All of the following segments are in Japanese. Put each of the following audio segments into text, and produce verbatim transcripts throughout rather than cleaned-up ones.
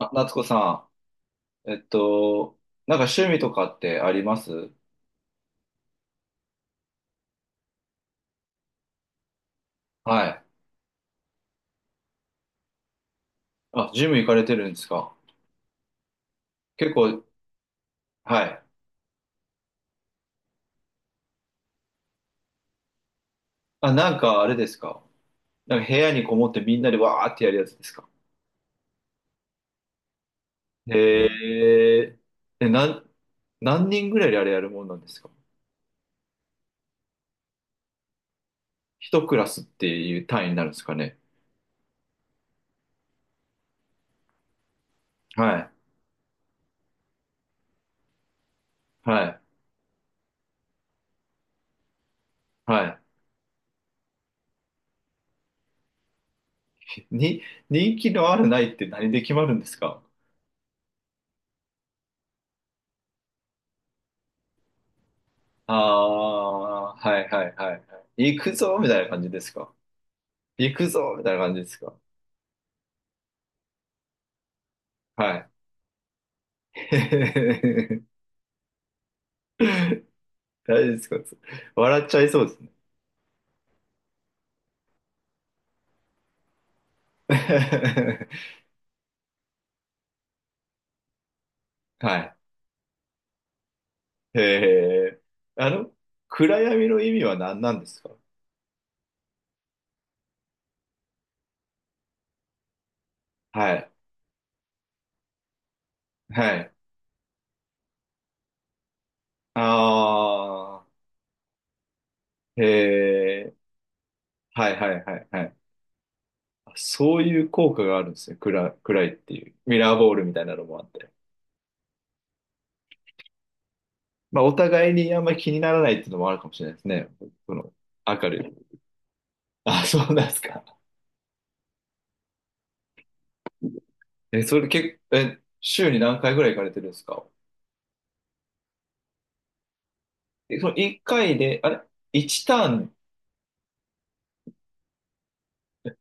あ、夏子さん、えっと、なんか趣味とかってあります？はい。あ、ジム行かれてるんですか？結構、はい。あ、なんかあれですか？なんか部屋にこもってみんなでわーってやるやつですか？へえ、え、なん、何人ぐらいであれやるもんなんですか？一クラスっていう単位になるんですかね？はい。はい。はい。に、人気のあるないって何で決まるんですか？ああー、はいはいはいはい。行くぞみたいな感じですか？行くぞみたいな感じですか？はい。大丈夫ですか？笑っちゃいそうですね。はい。へえ。あの、暗闇の意味は何なんですか？はい。はい。ああ、へえ。はいはいはいはい。そういう効果があるんですね。暗、暗いっていう。ミラーボールみたいなのもあって。まあ、お互いにあんまり気にならないっていうのもあるかもしれないですね。この、明るい。あ、そうなんですか。え、それ結構、え、週に何回ぐらい行かれてるんですか？え、そのいっかいで、あれ？ いちターン ターン？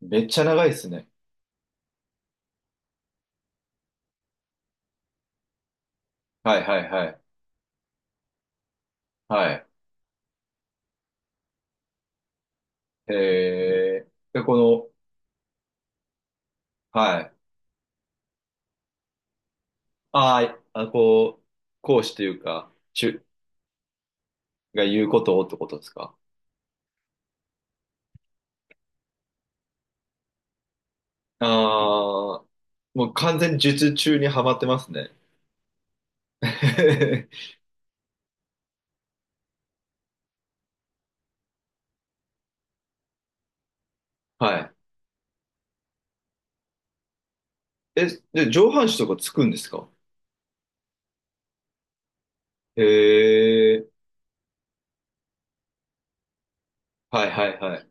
めっちゃ長いですね。はいはいはい。はい。えー、で、この、はい。あーあ、こう、講師というか、中が言うことをってことですか？ああー、もう完全に術中にはまってますね。はい。え、で、上半身とかつくんですか？へえ、はいはいはい。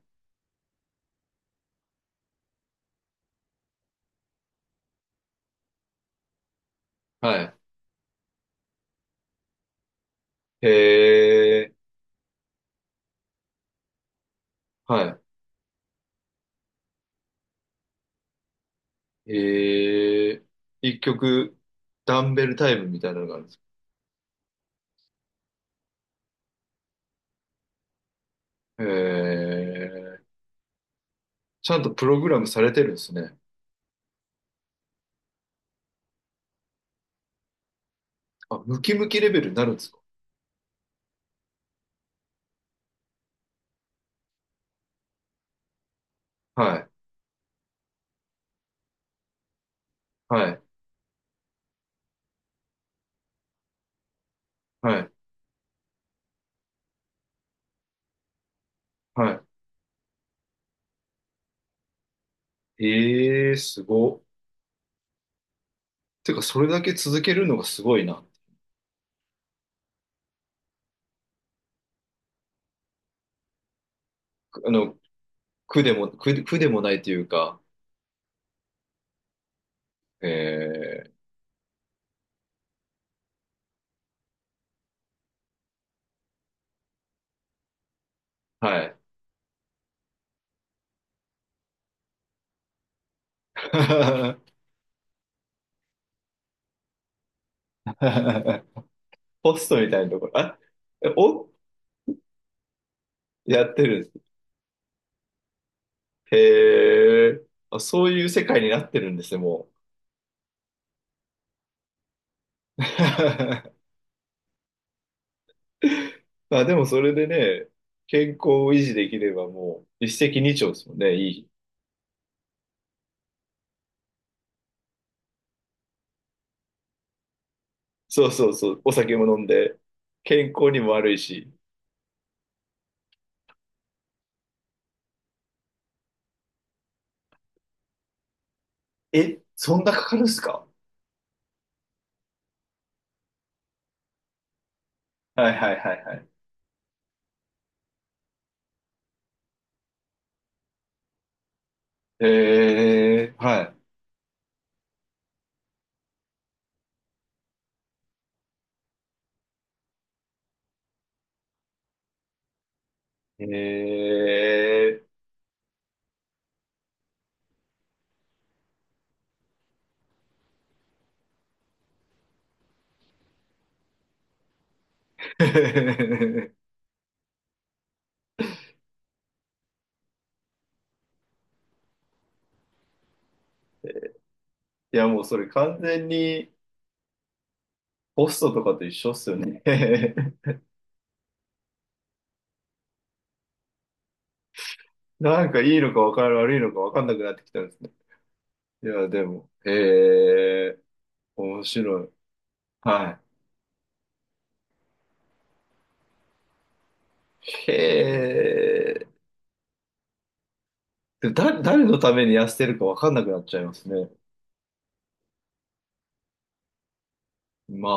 はい。へえ、はい。ええ、一曲、ダンベルタイムみたいなのがあるんです？ええ、ちゃんとプログラムされてるんですね。あ、ムキムキレベルになるんですか？はい、はい、はい、はい。ええ、すごっ。てか、それだけ続けるのがすごいな。あの、苦でも、苦で、苦でもないというか、ええ、はい。ポストみたいなところ、あ、えお、やってるんです。へえ、あ、そういう世界になってるんですね、もう。まあでもそれでね、健康を維持できればもう一石二鳥ですもんね、いい。そうそうそう、お酒も飲んで、健康にも悪いし。え、そんなかかるんすか？はいはいはいはい。えー、はい。えー。いやもうそれ完全にホストとかと一緒っすよね。なんかいいのか分かる、悪いのか分かんなくなってきたんですね。いやでも、えー、面白い。はい。へえ、でもだ、誰のために痩せてるかわかんなくなっちゃいますね。ま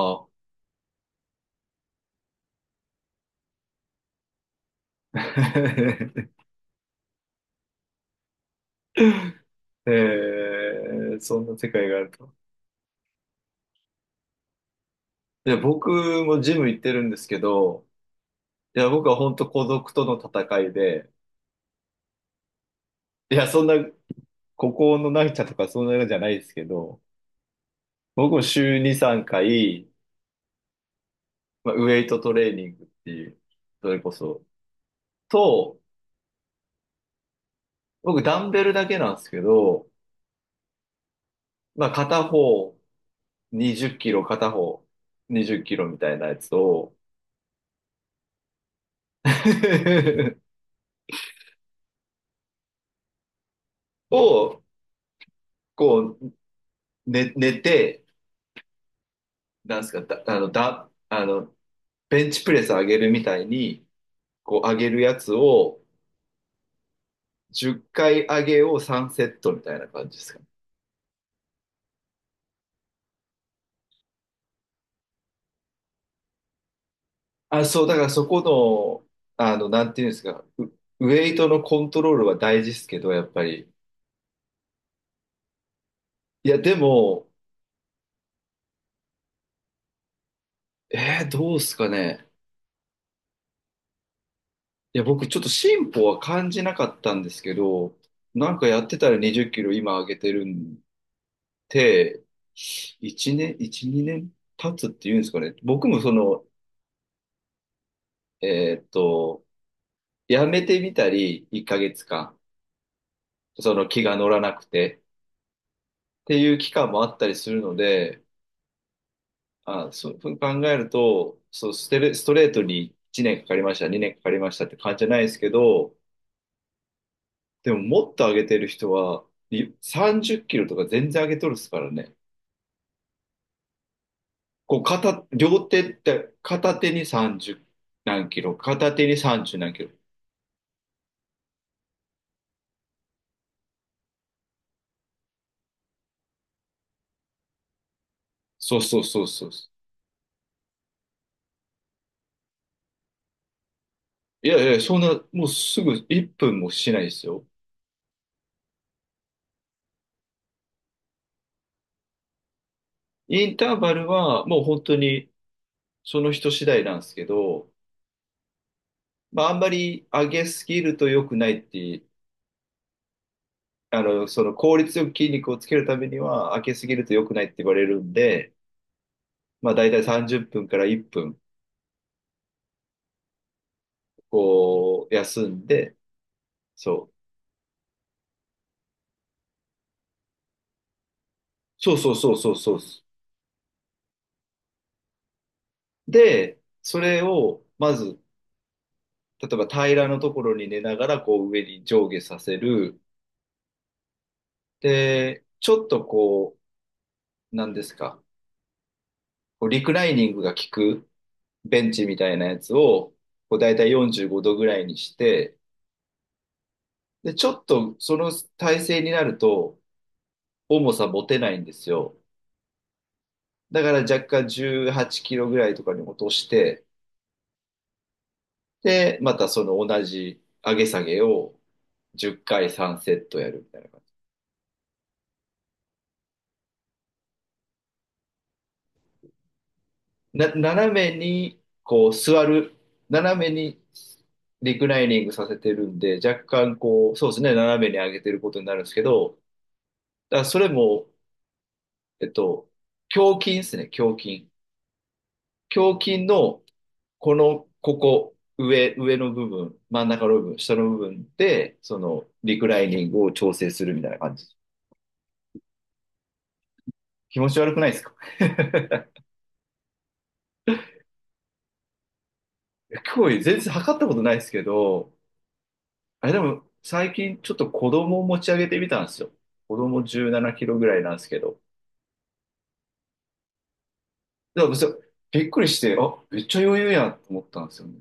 あ。へえ、そんな世界があると。いや、僕もジム行ってるんですけど、いや、僕は本当孤独との戦いで、いや、そんな、孤高の成田とかそんなのじゃないですけど、僕も週に、さんかい、まあ、ウェイトトレーニングっていう、それこそ、と、僕ダンベルだけなんですけど、まあ、片方にじゅっキロ片方、にじゅっキロみたいなやつを、を、こう、寝、寝て、なんですか、だ、あの、だ、あの、ベンチプレス上げるみたいに、こう上げるやつを、じゅっかい上げをさんセットみたいな感じですかね。あ、そう、だからそこの、あの、なんていうんですか、ウ、ウェイトのコントロールは大事ですけど、やっぱり。いや、でも、えー、どうですかね。いや、僕ちょっと進歩は感じなかったんですけど、なんかやってたらにじゅっキロ今上げてるんで、いちねん、いち、にねん経つっていうんですかね。僕もその、えーっと、やめてみたり、いっかげつかん、その気が乗らなくてっていう期間もあったりするので、あ、そう考えると、そう、ステレ、ストレートにいちねんかかりました、にねんかかりましたって感じじゃないですけど、でももっと上げてる人は、いさんじゅっキロとか全然上げとるっすからね。こう片、両手って片手にさんじゅう何キロ、片手にさんじゅう何キロ。そうそうそうそう。いやいや、そんな、もうすぐいっぷんもしないですよ。インターバルはもう本当にその人次第なんですけど、まああんまり上げすぎると良くないって、あの、その効率よく筋肉をつけるためには上げすぎると良くないって言われるんで、まあだいたいさんじゅっぷんからいっぷん、こう、休んで、そう。そうそうそうそうそう。で、それを、まず、例えば平らのところに寝ながら、こう上に上下させる。で、ちょっとこう、なんですか、こうリクライニングが効くベンチみたいなやつを、こうだいたいよんじゅうごどぐらいにして、で、ちょっとその体勢になると、重さ持てないんですよ。だから若干じゅうはっキロぐらいとかに落として、で、またその同じ上げ下げをじゅっかいさんセットやるみたいな。な、斜めにこう座る、斜めにリクライニングさせてるんで、若干こう、そうですね、斜めに上げてることになるんですけど、だからそれも、えっと、胸筋ですね、胸筋。胸筋の、この、ここ、上、上の部分、真ん中の部分、下の部分で、その、リクライニングを調整するみたいな感じ。気持ち悪くないですか？ すごい 全然測ったことないですけど、あれでも、最近ちょっと子供を持ち上げてみたんですよ。子供じゅうななキロぐらいなんですけど。でもそう、びっくりして、あ、めっちゃ余裕やと思ったんですよね。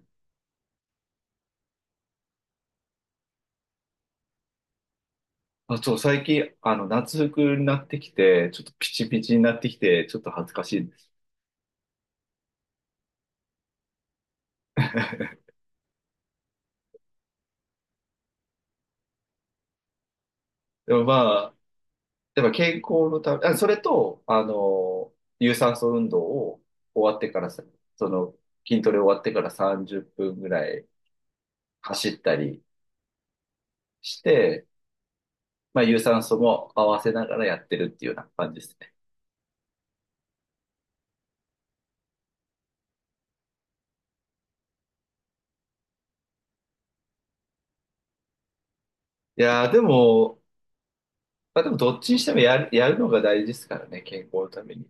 あ、そう、最近、あの、夏服になってきて、ちょっとピチピチになってきて、ちょっと恥ずかしいです。でもまあ、やっぱ健康のため、あ、それと、あの、有酸素運動を終わってからさ、その、筋トレ終わってからさんじゅっぷんぐらい走ったりして、まあ、有酸素も合わせながらやってるっていうような感じです。いやー、でも、まあでもどっちにしてもやる、やる、のが大事ですからね、健康のために。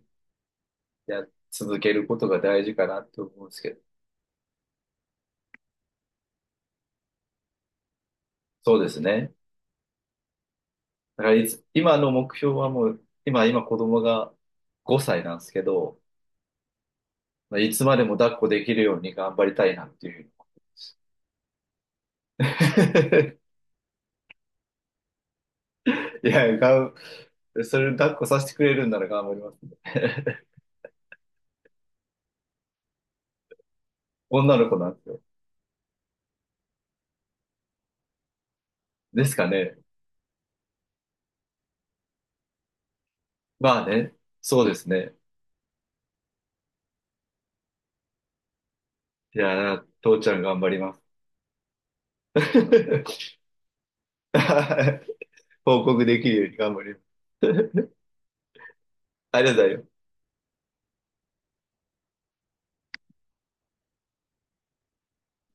や、続けることが大事かなって思うんですけど。そうですね。だからいつ、今の目標はもう、今、今子供がごさいなんですけど、まあ、いつまでも抱っこできるように頑張りたいなっていうふうに いや、がん、それ抱っこさせてくれるんなら頑張りますね。女の子なんですよ。ですかね。まあね。そうですね。いやー、父ちゃん頑張ります。報告できるように頑張ります。ありがとうございます。